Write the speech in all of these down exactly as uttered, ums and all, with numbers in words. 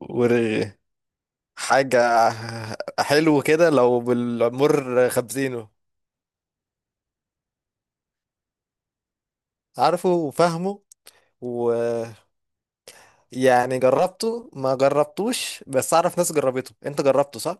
ورغي حاجة حلو كده لو بالعمر خبزينه. عارفه وفاهمه. ويعني جربته ما جربتوش، بس أعرف ناس جربته، أنت جربته صح؟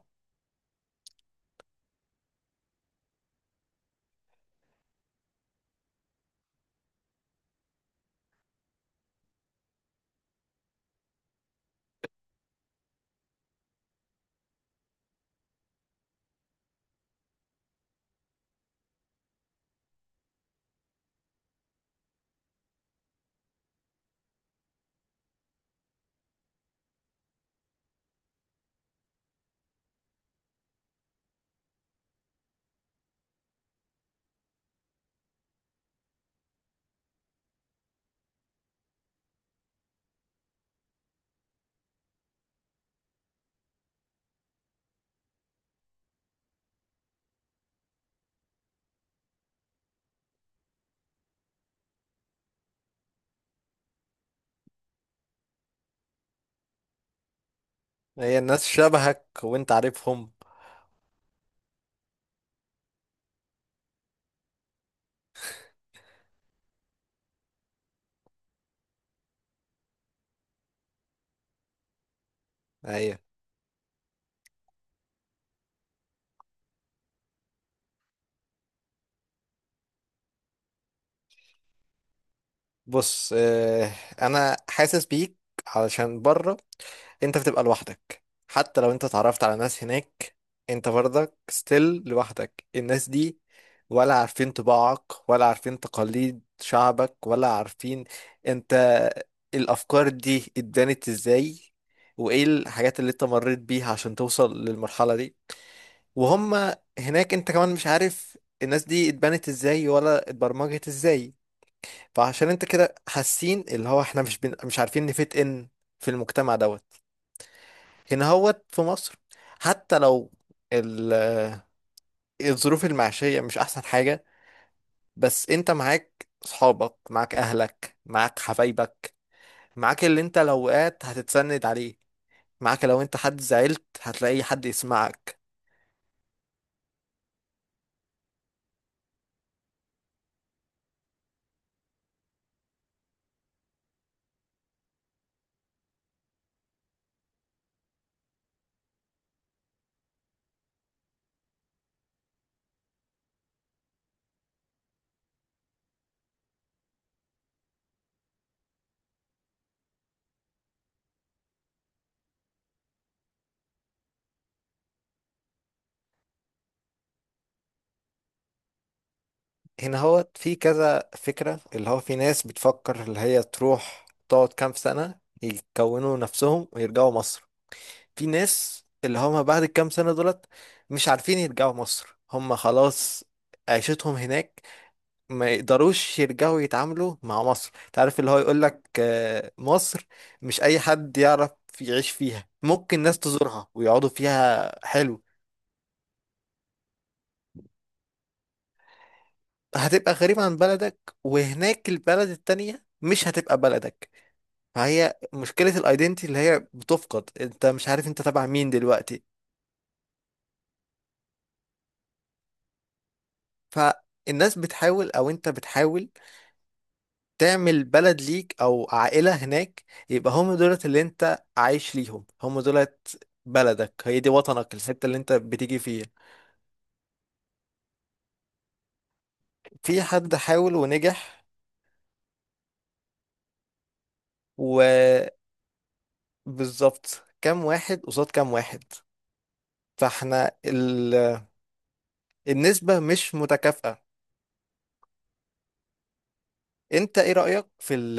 هي الناس شبهك وأنت عارفهم. أيوه. بص آه، انا حاسس بيك، علشان بره انت بتبقى لوحدك. حتى لو انت اتعرفت على ناس هناك، انت برضك ستيل لوحدك. الناس دي ولا عارفين طباعك ولا عارفين تقاليد شعبك ولا عارفين، انت الافكار دي اتبنت ازاي، وايه الحاجات اللي انت مريت بيها عشان توصل للمرحلة دي. وهم هناك انت كمان مش عارف الناس دي اتبنت ازاي ولا اتبرمجت ازاي. فعشان انت كده حاسين اللي هو احنا مش بن... مش عارفين نفيت ان في المجتمع دوت هنا هوت في مصر، حتى لو ال... الظروف المعيشية مش احسن حاجة، بس انت معاك صحابك، معاك اهلك، معاك حبايبك، معاك اللي انت لو وقعت هتتسند عليه، معاك لو انت حد زعلت هتلاقي حد يسمعك. هنا هوت في كذا فكرة، اللي هو في ناس بتفكر اللي هي تروح تقعد كام سنة يكونوا نفسهم ويرجعوا مصر. في ناس اللي هم بعد الكام سنة دولت مش عارفين يرجعوا مصر، هم خلاص عيشتهم هناك، ما يقدروش يرجعوا يتعاملوا مع مصر. تعرف اللي هو يقولك آه، مصر مش أي حد يعرف يعيش فيها، ممكن ناس تزورها ويقعدوا فيها حلو. هتبقى غريب عن بلدك وهناك البلد التانية مش هتبقى بلدك. فهي مشكلة الايدنتي اللي هي بتفقد، انت مش عارف انت تبع مين دلوقتي. فالناس بتحاول او انت بتحاول تعمل بلد ليك او عائلة هناك، يبقى هم دولت اللي انت عايش ليهم، هم دولت بلدك، هي دي وطنك الحتة اللي انت بتيجي فيها. في حد حاول ونجح. وبالظبط، كام واحد قصاد كام واحد. فاحنا ال... النسبة مش متكافئة. انت ايه رأيك في ال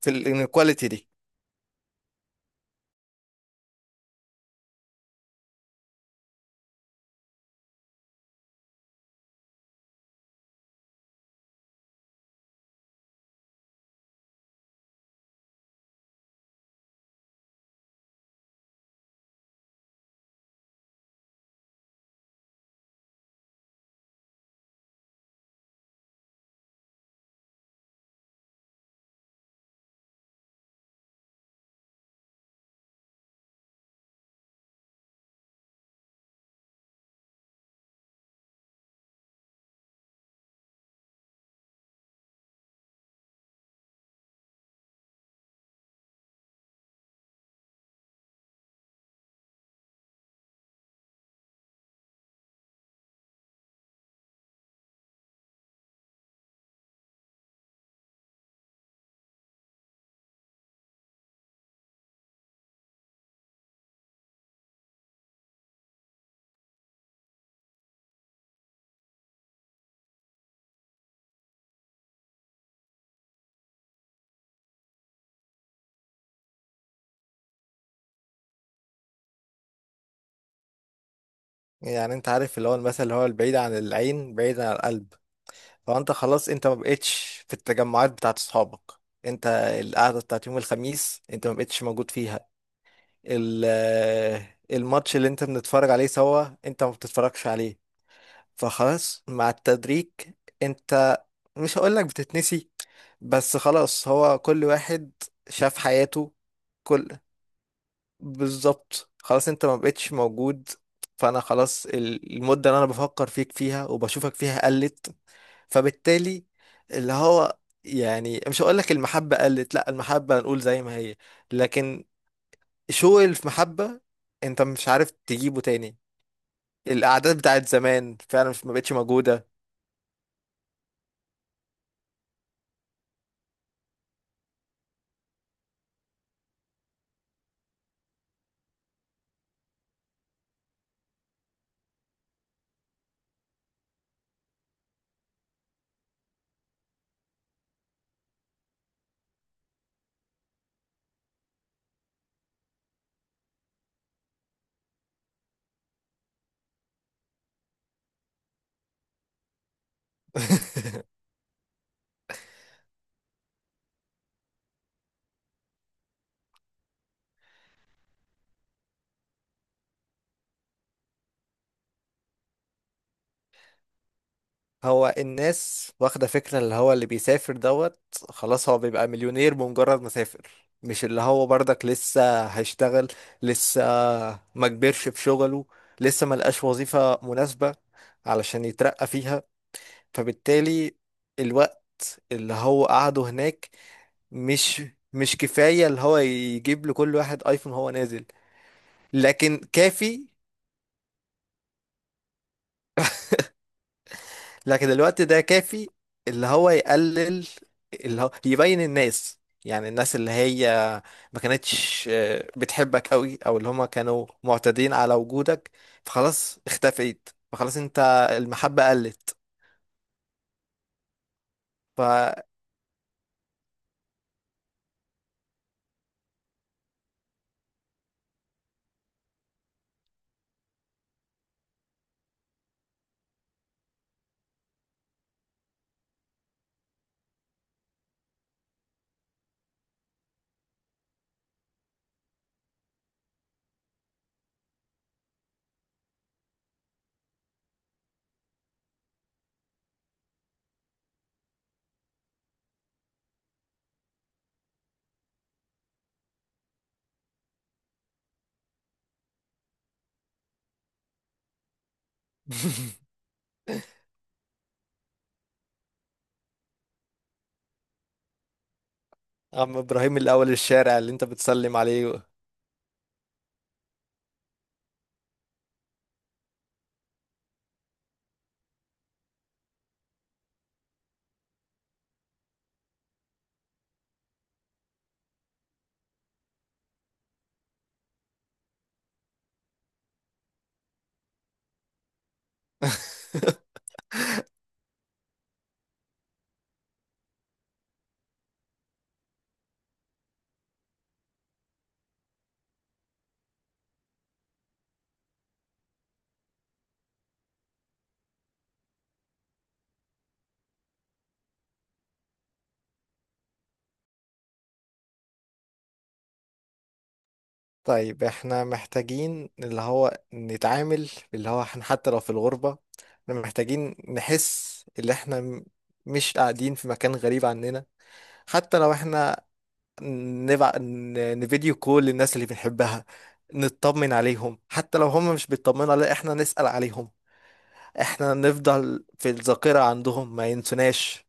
في الانيكواليتي دي؟ يعني انت عارف اللي هو المثل اللي هو البعيد عن العين بعيد عن القلب. هو انت خلاص، انت ما بقتش في التجمعات بتاعت اصحابك. انت القعده بتاعت يوم الخميس انت ما بقتش موجود فيها. ال- آه، الماتش اللي انت بنتفرج عليه سوا انت ما بتتفرجش عليه. فخلاص مع التدريج، انت مش هقولك بتتنسي، بس خلاص هو كل واحد شاف حياته. كل بالظبط، خلاص انت ما بقتش موجود. فانا خلاص ال- المدة اللي انا بفكر فيك فيها وبشوفك فيها قلت. فبالتالي اللي هو، يعني مش هقول لك المحبة قلت، لا المحبة نقول زي ما هي، لكن شوق المحبة انت مش عارف تجيبه تاني. الأعداد بتاعت زمان فعلا مش، ما بقتش موجودة. هو الناس واخدة فكرة اللي هو اللي بيسافر دوت، خلاص هو بيبقى مليونير بمجرد ما سافر، مش اللي هو برضك لسه هيشتغل، لسه ما كبرش في شغله، لسه ما لقاش وظيفة مناسبة علشان يترقى فيها. فبالتالي الوقت اللي هو قعده هناك مش مش كفاية اللي هو يجيب لكل واحد ايفون هو نازل. لكن كافي، لكن الوقت ده كافي اللي هو يقلل، اللي هو يبين الناس، يعني الناس اللي هي ما كانتش آه، بتحبك قوي او اللي هما كانوا معتادين على وجودك، فخلاص اختفيت، فخلاص انت المحبة قلت. ف عم ابراهيم الاول الشارع اللي انت بتسلم عليه. طيب احنا محتاجين اللي هو نتعامل، اللي هو احنا حتى لو في الغربة، احنا محتاجين نحس اللي احنا م- مش قاعدين في مكان غريب عننا. حتى لو احنا نبع... ن- نفيديو كول للناس اللي بنحبها، نطمن عليهم، حتى لو هم مش بيطمنوا علينا احنا نسأل عليهم. احنا نفضل في الذاكرة عندهم ما ينسوناش،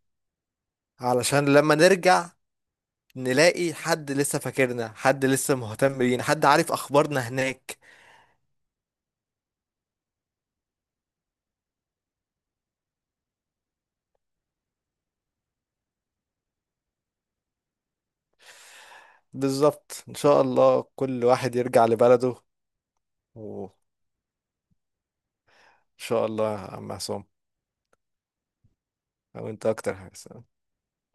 علشان لما نرجع نلاقي حد لسه فاكرنا، حد لسه مهتم بينا، حد عارف اخبارنا هناك. بالظبط، ان شاء الله كل واحد يرجع لبلده. وان شاء الله يا عم عصام. وانت اكتر حاجة.